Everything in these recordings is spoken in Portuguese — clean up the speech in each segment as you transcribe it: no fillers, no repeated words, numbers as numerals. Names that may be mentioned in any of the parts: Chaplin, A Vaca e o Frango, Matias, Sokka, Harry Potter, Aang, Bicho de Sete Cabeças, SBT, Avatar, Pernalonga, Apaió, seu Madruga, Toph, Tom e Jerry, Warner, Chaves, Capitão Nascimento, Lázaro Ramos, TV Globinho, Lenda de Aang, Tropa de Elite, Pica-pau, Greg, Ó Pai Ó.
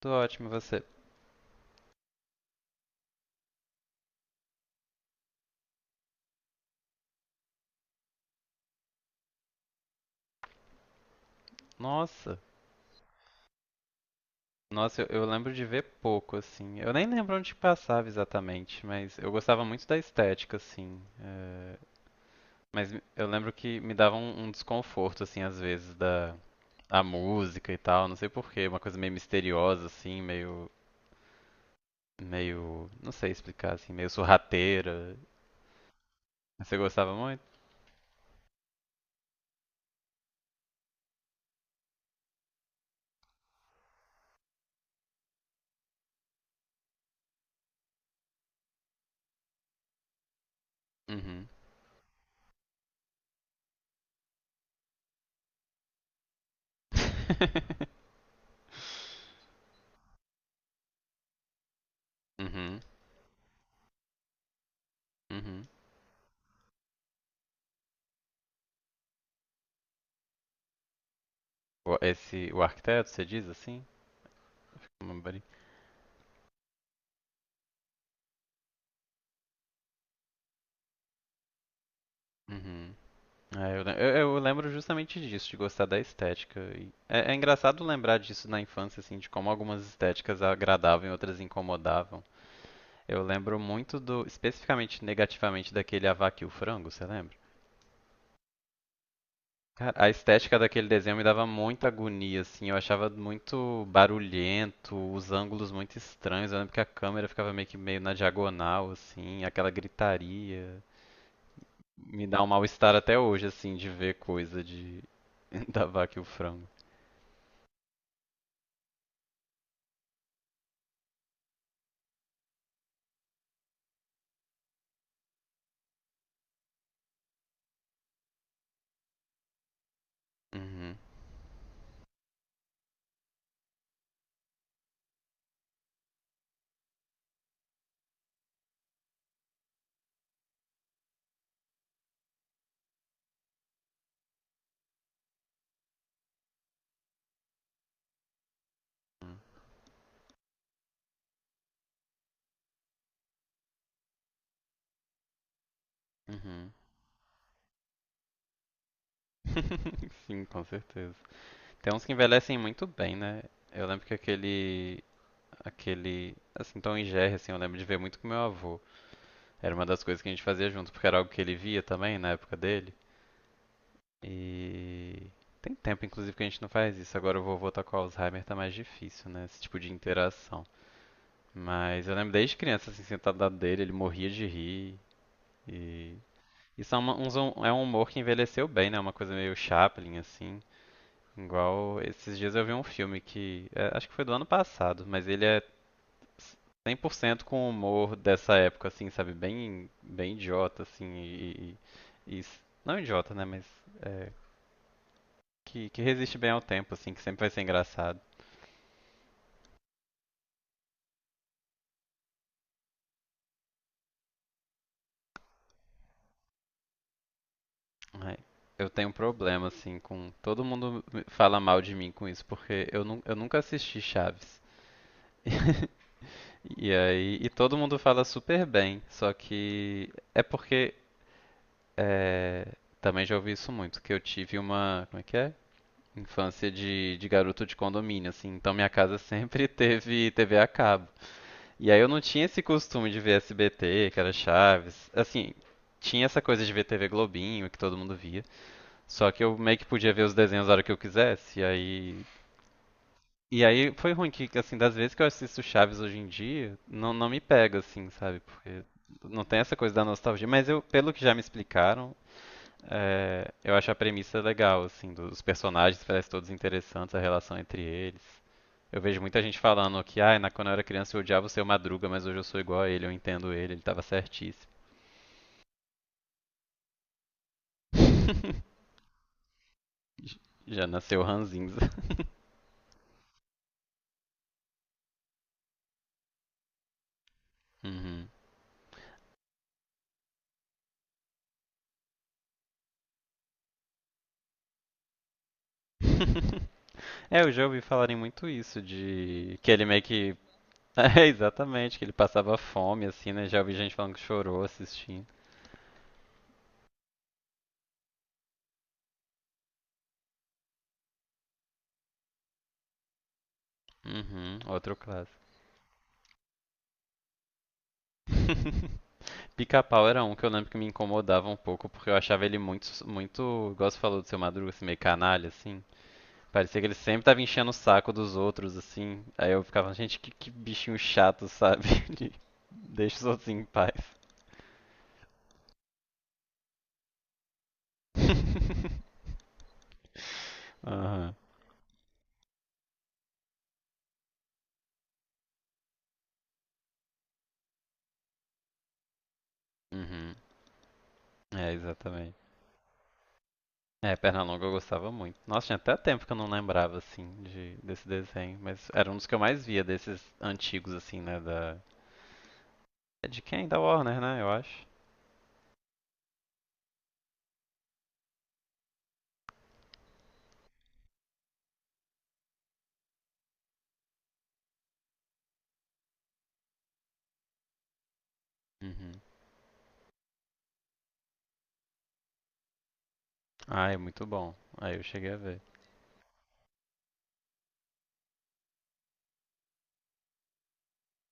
Tô ótimo, e você? Nossa, nossa, eu lembro de ver pouco, assim. Eu nem lembro onde passava exatamente, mas eu gostava muito da estética, assim. Mas eu lembro que me dava um desconforto, assim, às vezes, da a música e tal, não sei por quê, uma coisa meio misteriosa, assim, meio, não sei explicar, assim, meio sorrateira. Você gostava muito? Uhum. Uhum, uhum. Esse, o arquiteto, você diz assim? Fica uma bari- Uhum. É, eu lembro justamente disso, de gostar da estética. E é engraçado lembrar disso na infância, assim, de como algumas estéticas agradavam e outras incomodavam. Eu lembro muito especificamente negativamente, daquele A Vaca e o Frango, você lembra? Cara, a estética daquele desenho me dava muita agonia, assim, eu achava muito barulhento, os ângulos muito estranhos, eu lembro que a câmera ficava meio que meio na diagonal, assim, aquela gritaria. Me dá um mal-estar até hoje, assim, de ver coisa de da Vaca e o Frango. Uhum. Hum, uhum. Sim, com certeza. Tem uns que envelhecem muito bem, né? Eu lembro que aquele, assim, Tom e Jerry, assim, eu lembro de ver muito com meu avô. Era uma das coisas que a gente fazia junto, porque era algo que ele via também na época dele. E tem tempo, inclusive, que a gente não faz isso. Agora o vovô tá com Alzheimer, tá mais difícil, né? Esse tipo de interação. Mas eu lembro desde criança, assim, sentado do lado dele, ele morria de rir. E isso é um humor que envelheceu bem, né? Uma coisa meio Chaplin, assim. Igual esses dias eu vi um filme que é, acho que foi do ano passado, mas ele é 100% com o humor dessa época, assim, sabe? Bem, bem idiota, assim, não idiota, né? Mas é, que resiste bem ao tempo, assim, que sempre vai ser engraçado. Ai, eu tenho um problema, assim, com todo mundo fala mal de mim com isso, porque eu nunca assisti Chaves. E aí, e todo mundo fala super bem, só que é porque. É, também já ouvi isso muito, que eu tive uma, como é que é? Infância de garoto de condomínio, assim. Então minha casa sempre teve TV a cabo. E aí eu não tinha esse costume de ver SBT, que era Chaves. Assim, tinha essa coisa de ver TV Globinho, que todo mundo via. Só que eu meio que podia ver os desenhos a hora que eu quisesse. E aí. E aí foi ruim que, assim, das vezes que eu assisto Chaves hoje em dia, não, não me pega, assim, sabe? Porque não tem essa coisa da nostalgia. Mas eu, pelo que já me explicaram, é, eu acho a premissa legal, assim, dos personagens, parecem todos interessantes, a relação entre eles. Eu vejo muita gente falando que, ah, quando eu era criança eu odiava o seu Madruga, mas hoje eu sou igual a ele, eu entendo ele, ele tava certíssimo. Já nasceu ranzinza. Uhum. É, eu já ouvi falarem muito isso, de que ele meio que. É, exatamente, que ele passava fome, assim, né? Já ouvi gente falando que chorou assistindo. Uhum, outro clássico. Pica-pau era um que eu lembro que me incomodava um pouco, porque eu achava ele muito, muito, igual você falou do seu Madruga, assim, meio canalha, assim. Parecia que ele sempre tava enchendo o saco dos outros, assim. Aí eu ficava, gente, que bichinho chato, sabe? De- Deixa os outros em paz. Uhum. É, exatamente. É, Pernalonga eu gostava muito. Nossa, tinha até tempo que eu não lembrava, assim, desse desenho. Mas era um dos que eu mais via, desses antigos, assim, né? Da... É de quem? Da Warner, né? Eu acho. Uhum. Ah, é muito bom. Aí eu cheguei a ver.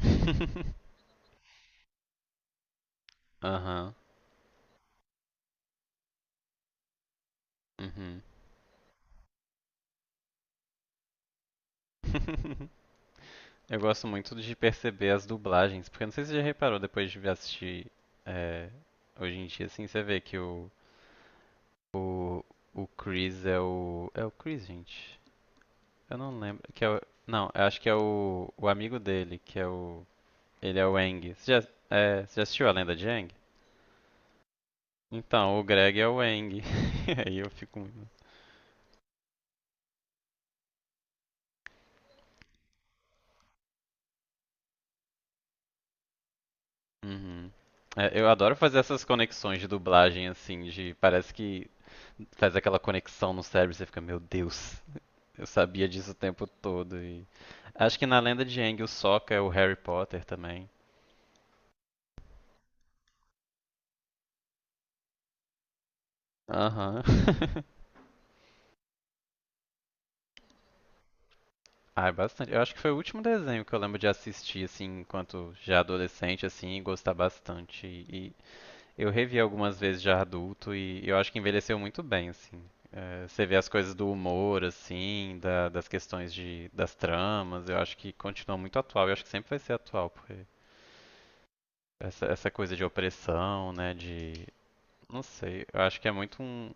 Aham. Uhum. Eu gosto muito de perceber as dublagens, porque não sei se você já reparou depois de assistir é, hoje em dia, assim, você vê que o, o Chris é o. É o Chris, gente? Eu não lembro. Que é o, não, eu acho que é o amigo dele, que é o. Ele é o Aang. Você já assistiu a lenda de Aang? Então, o Greg é o Aang. Aí eu fico muito. Uhum. É, eu adoro fazer essas conexões de dublagem, assim, de. Parece que faz aquela conexão no cérebro, você fica, meu Deus, eu sabia disso o tempo todo. E... Acho que na lenda de Aang, o Sokka é o Harry Potter também. Aham. Ah, é bastante. Eu acho que foi o último desenho que eu lembro de assistir, assim, enquanto já adolescente, assim, e gostar bastante. E eu revi algumas vezes já adulto e eu acho que envelheceu muito bem, assim. É, você vê as coisas do humor, assim, das questões das tramas, eu acho que continua muito atual. Eu acho que sempre vai ser atual, porque essa coisa de opressão, né? De. Não sei. Eu acho que é muito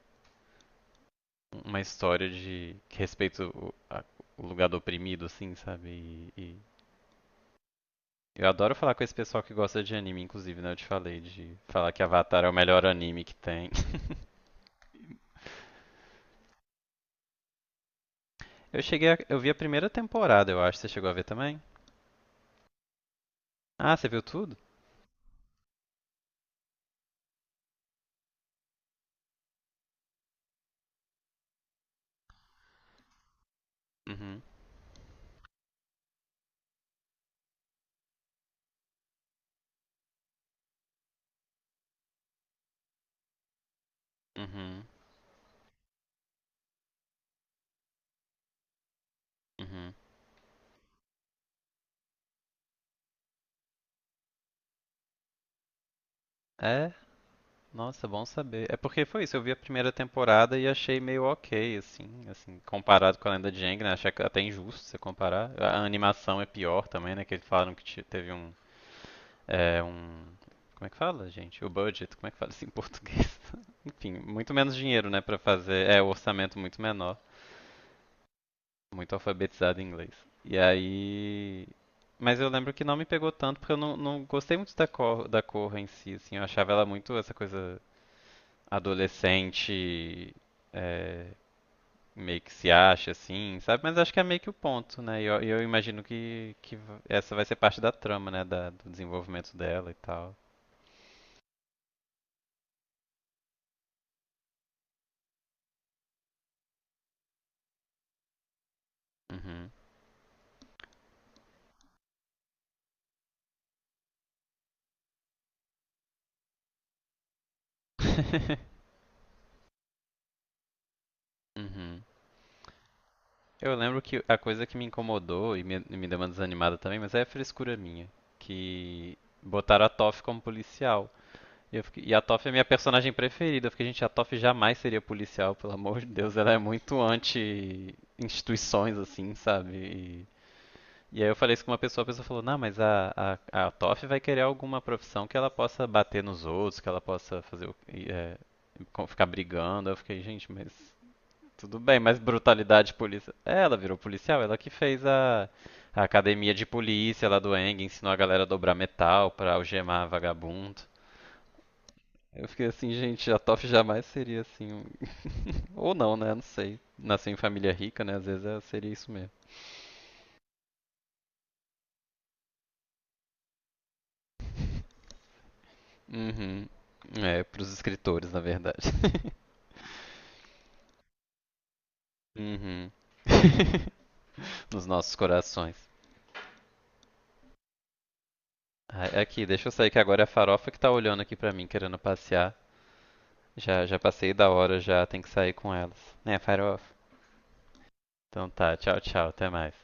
uma história de. Que respeita o lugar do oprimido, assim, sabe? E eu adoro falar com esse pessoal que gosta de anime, inclusive, né? Eu te falei de falar que Avatar é o melhor anime que tem. Eu vi a primeira temporada, eu acho. Você chegou a ver também? Ah, você viu tudo? Uhum. Uhum. Uhum. É, nossa, bom saber. É porque foi isso, eu vi a primeira temporada e achei meio ok, assim, assim, comparado com a Lenda de Aang, né? É até injusto você comparar. A animação é pior também, né? Que eles falaram que teve um, como é que fala, gente? O budget, como é que fala isso em português? Enfim, muito menos dinheiro, né, pra fazer, o orçamento muito menor, muito alfabetizado em inglês. E aí, mas eu lembro que não me pegou tanto porque eu não, não gostei muito da cor em si, assim, eu achava ela muito essa coisa adolescente, é, meio que se acha assim, sabe? Mas acho que é meio que o ponto, né? E eu imagino que essa vai ser parte da trama, né? Do desenvolvimento dela e tal. Uhum. Uhum. Eu lembro que a coisa que me incomodou e me deu uma desanimada também, mas é frescura minha, que botaram a Toph como policial. E a Toph é minha personagem preferida. Eu fiquei, gente, a Toph jamais seria policial, pelo amor de Deus. Ela é muito anti-instituições, assim, sabe? E aí eu falei isso com uma pessoa, a pessoa falou, não, mas a Toph vai querer alguma profissão que ela possa bater nos outros, que ela possa fazer o... ficar brigando. Eu fiquei, gente, mas tudo bem, mas brutalidade polícia. É, ela virou policial, ela que fez a, academia de polícia lá do Eng, ensinou a galera a dobrar metal pra algemar vagabundo. Eu fiquei assim, gente, a Toph jamais seria assim. Ou não, né? Não sei. Nasceu em família rica, né? Às vezes seria isso mesmo. Uhum. É, pros escritores, na verdade. Uhum. Nos nossos corações. Ah, aqui, deixa eu sair que agora é a farofa que tá olhando aqui pra mim, querendo passear. Já, já passei da hora, já tem que sair com elas. Né, farofa? Então tá, tchau, tchau, até mais.